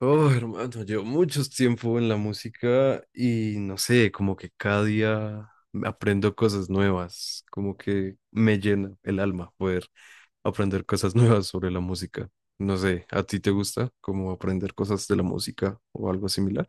Oh, hermano, llevo mucho tiempo en la música y no sé, como que cada día aprendo cosas nuevas, como que me llena el alma poder aprender cosas nuevas sobre la música. No sé, ¿a ti te gusta como aprender cosas de la música o algo similar?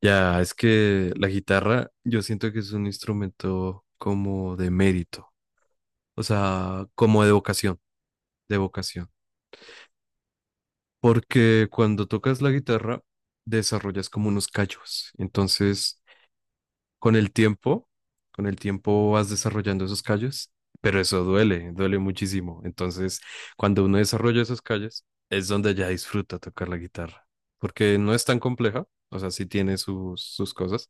Ya, es que la guitarra yo siento que es un instrumento como de mérito, o sea, como de vocación, de vocación. Porque cuando tocas la guitarra, desarrollas como unos callos. Entonces, con el tiempo, con el tiempo vas desarrollando esos callos, pero eso duele, duele muchísimo. Entonces, cuando uno desarrolla esos callos, es donde ya disfruta tocar la guitarra. Porque no es tan compleja, o sea, sí tiene sus cosas,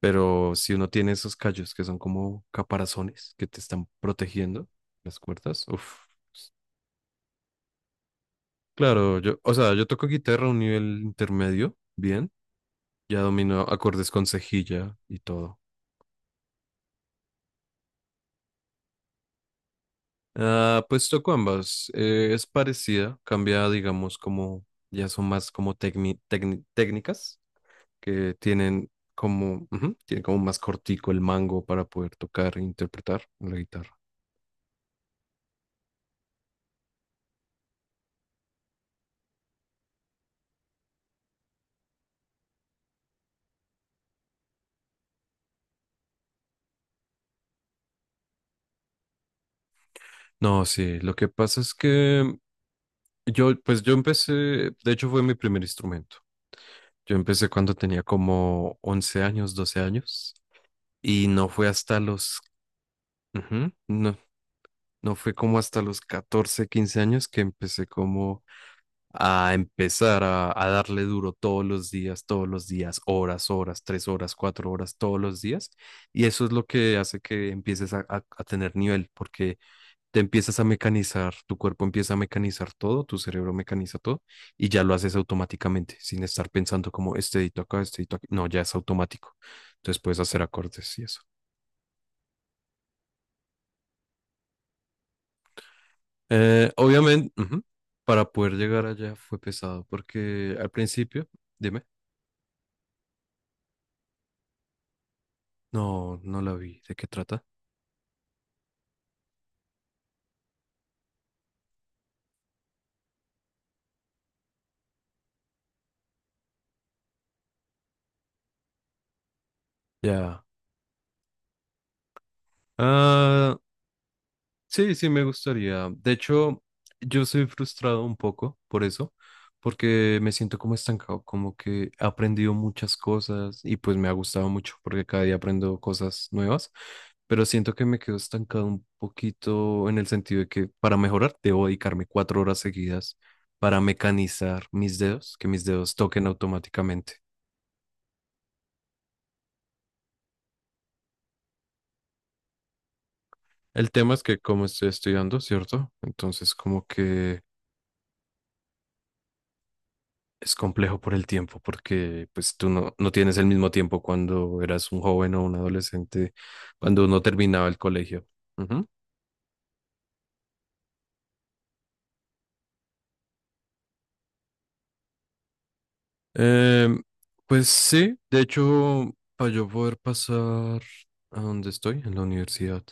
pero si uno tiene esos callos que son como caparazones que te están protegiendo las cuerdas, uff. Claro, yo, o sea, yo toco guitarra a un nivel intermedio, bien. Ya domino acordes con cejilla y todo. Ah, pues toco ambas. Es parecida, cambia, digamos, como ya son más como técnicas que tienen como, tiene como más cortico el mango para poder tocar e interpretar la guitarra. No, sí, lo que pasa es que yo, pues yo empecé, de hecho fue mi primer instrumento. Yo empecé cuando tenía como 11 años, 12 años, y no fue hasta los, no, no fue como hasta los 14, 15 años, que empecé como a empezar a darle duro todos los días, horas, horas, 3 horas, 4 horas, todos los días. Y eso es lo que hace que empieces a tener nivel, porque te empiezas a mecanizar, tu cuerpo empieza a mecanizar todo, tu cerebro mecaniza todo y ya lo haces automáticamente, sin estar pensando como este dedito acá, este dedito aquí. No, ya es automático. Entonces puedes hacer acordes y eso. Obviamente, para poder llegar allá fue pesado, porque al principio, dime, no, no la vi, ¿de qué trata? Ya. Ah, sí, sí, me gustaría. De hecho, yo soy frustrado un poco por eso, porque me siento como estancado, como que he aprendido muchas cosas y pues me ha gustado mucho porque cada día aprendo cosas nuevas, pero siento que me quedo estancado un poquito en el sentido de que para mejorar debo dedicarme 4 horas seguidas para mecanizar mis dedos, que mis dedos toquen automáticamente. El tema es que como estoy estudiando, ¿cierto? Entonces como que es complejo por el tiempo, porque pues tú no tienes el mismo tiempo cuando eras un joven o un adolescente, cuando uno terminaba el colegio. Ujú. Em, pues sí, de hecho, para yo poder pasar a donde estoy, en la universidad,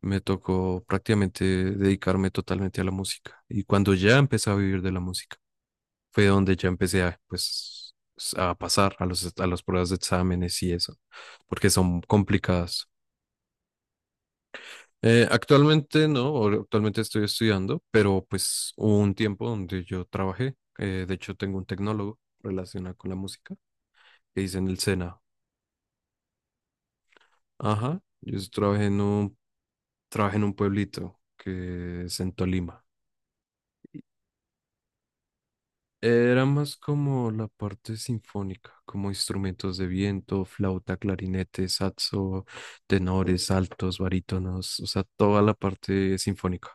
me tocó prácticamente dedicarme totalmente a la música. Y cuando ya empecé a vivir de la música, fue donde ya empecé a, pues, a pasar a los, a las pruebas de exámenes y eso, porque son complicadas. Actualmente no, actualmente estoy estudiando, pero pues hubo un tiempo donde yo trabajé. De hecho, tengo un tecnólogo relacionado con la música que hice en el SENA. Ajá, yo trabajé en un pueblito que es en Tolima. Era más como la parte sinfónica, como instrumentos de viento, flauta, clarinete, saxo, tenores, altos, barítonos, o sea, toda la parte sinfónica.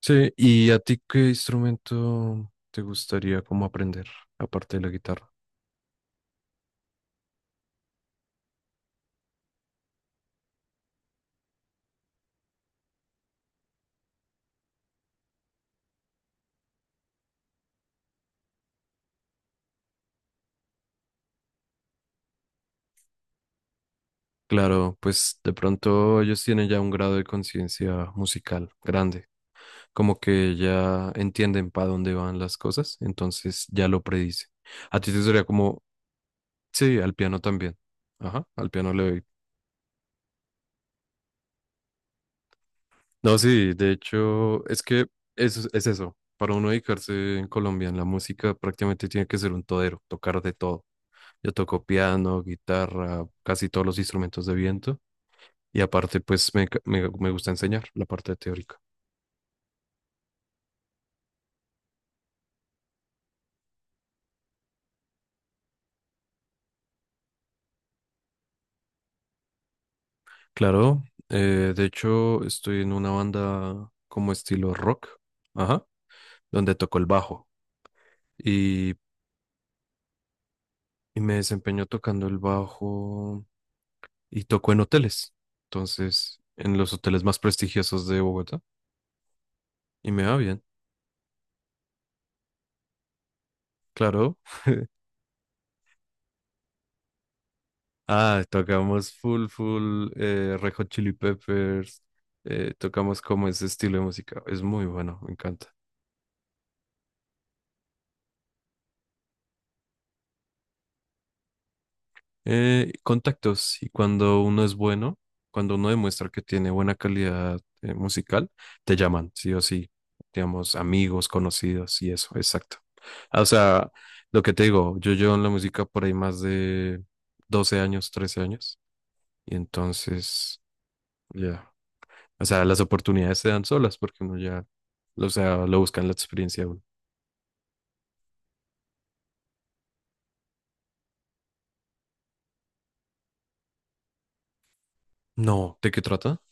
Sí, ¿y a ti qué instrumento te gustaría como aprender, aparte de la guitarra? Claro, pues de pronto ellos tienen ya un grado de conciencia musical grande, como que ya entienden para dónde van las cosas, entonces ya lo predicen. A ti te sería como, sí, al piano también. Ajá, al piano le doy. No, sí, de hecho, es que eso es eso. Para uno dedicarse en Colombia en la música prácticamente tiene que ser un todero, tocar de todo. Yo toco piano, guitarra, casi todos los instrumentos de viento. Y aparte, pues me, me gusta enseñar la parte teórica. Claro, de hecho, estoy en una banda como estilo rock, ajá, donde toco el bajo. Y, y me desempeño tocando el bajo y toco en hoteles. Entonces, en los hoteles más prestigiosos de Bogotá. Y me va bien. Claro, tocamos full, full, Red Hot Chili Peppers, tocamos como ese estilo de música. Es muy bueno, me encanta. Contactos, y cuando uno es bueno, cuando uno demuestra que tiene buena calidad, musical, te llaman, sí o sí, digamos, amigos, conocidos y eso, exacto. O sea, lo que te digo, yo llevo en la música por ahí más de 12 años, 13 años, y entonces, ya. O sea, las oportunidades se dan solas porque uno ya, o sea, lo busca en la experiencia de uno. No, ¿de qué trata?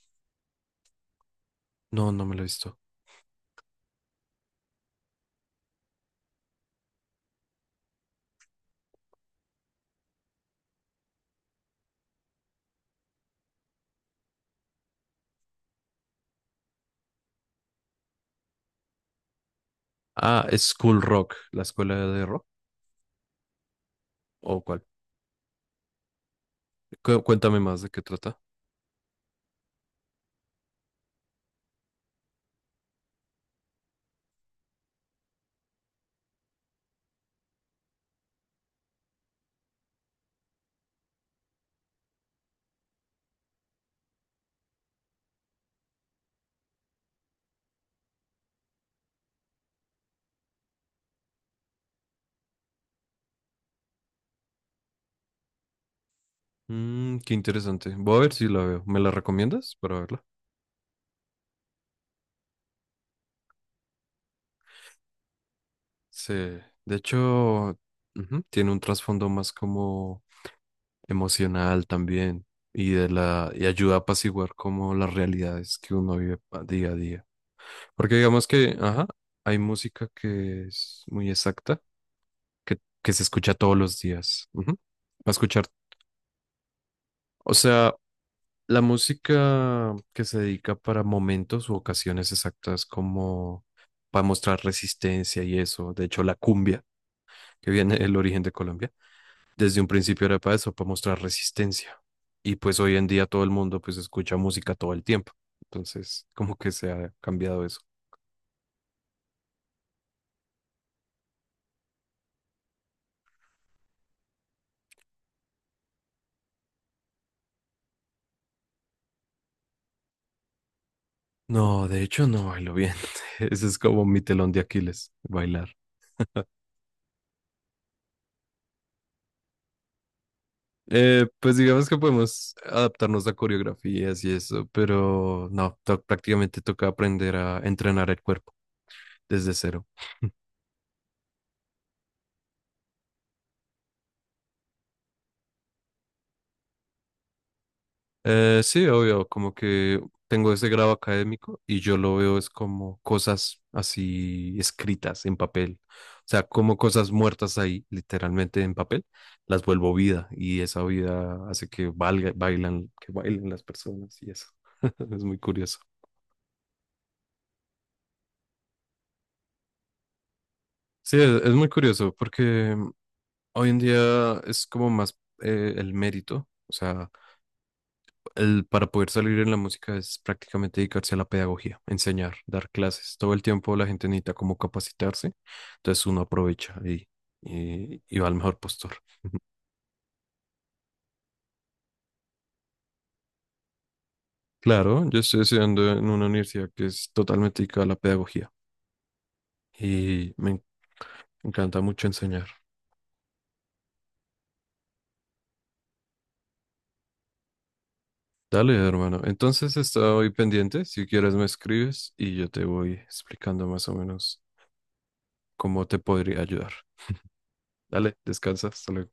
No, no me lo he visto. Ah, es School Rock, la escuela de rock, ¿o cuál? Cuéntame más de qué trata. Mm, qué interesante. Voy a ver si la veo. ¿Me la recomiendas para verla? Sí, de hecho, ujú, tiene un trasfondo más como emocional también y de la y ayuda a apaciguar como las realidades que uno vive día a día. Porque digamos que, ajá, hay música que es muy exacta, que se escucha todos los días. Va a escuchar, o sea, la música que se dedica para momentos u ocasiones exactas como para mostrar resistencia y eso. De hecho, la cumbia, que viene del origen de Colombia desde un principio era para eso, para mostrar resistencia. Y pues hoy en día todo el mundo pues escucha música todo el tiempo. Entonces, como que se ha cambiado eso. No, de hecho no bailo bien. Ese es como mi telón de Aquiles, bailar. Pues digamos que podemos adaptarnos a coreografías y eso, pero no, prácticamente toca aprender a entrenar el cuerpo desde cero. Sí, obvio, como que tengo ese grado académico y yo lo veo es como cosas así escritas en papel, o sea, como cosas muertas ahí, literalmente en papel, las vuelvo vida y esa vida hace que valga, bailan, que bailen las personas y eso. Es muy curioso. Sí, es muy curioso porque hoy en día es como más el mérito, o sea, para poder salir en la música es prácticamente dedicarse a la pedagogía, enseñar, dar clases. Todo el tiempo la gente necesita como capacitarse, entonces uno aprovecha y va al mejor postor. Claro, yo estoy estudiando en una universidad que es totalmente dedicada a la pedagogía y me encanta mucho enseñar. Dale, hermano. Entonces estoy pendiente. Si quieres me escribes y yo te voy explicando más o menos cómo te podría ayudar. Dale, descansa. Hasta luego.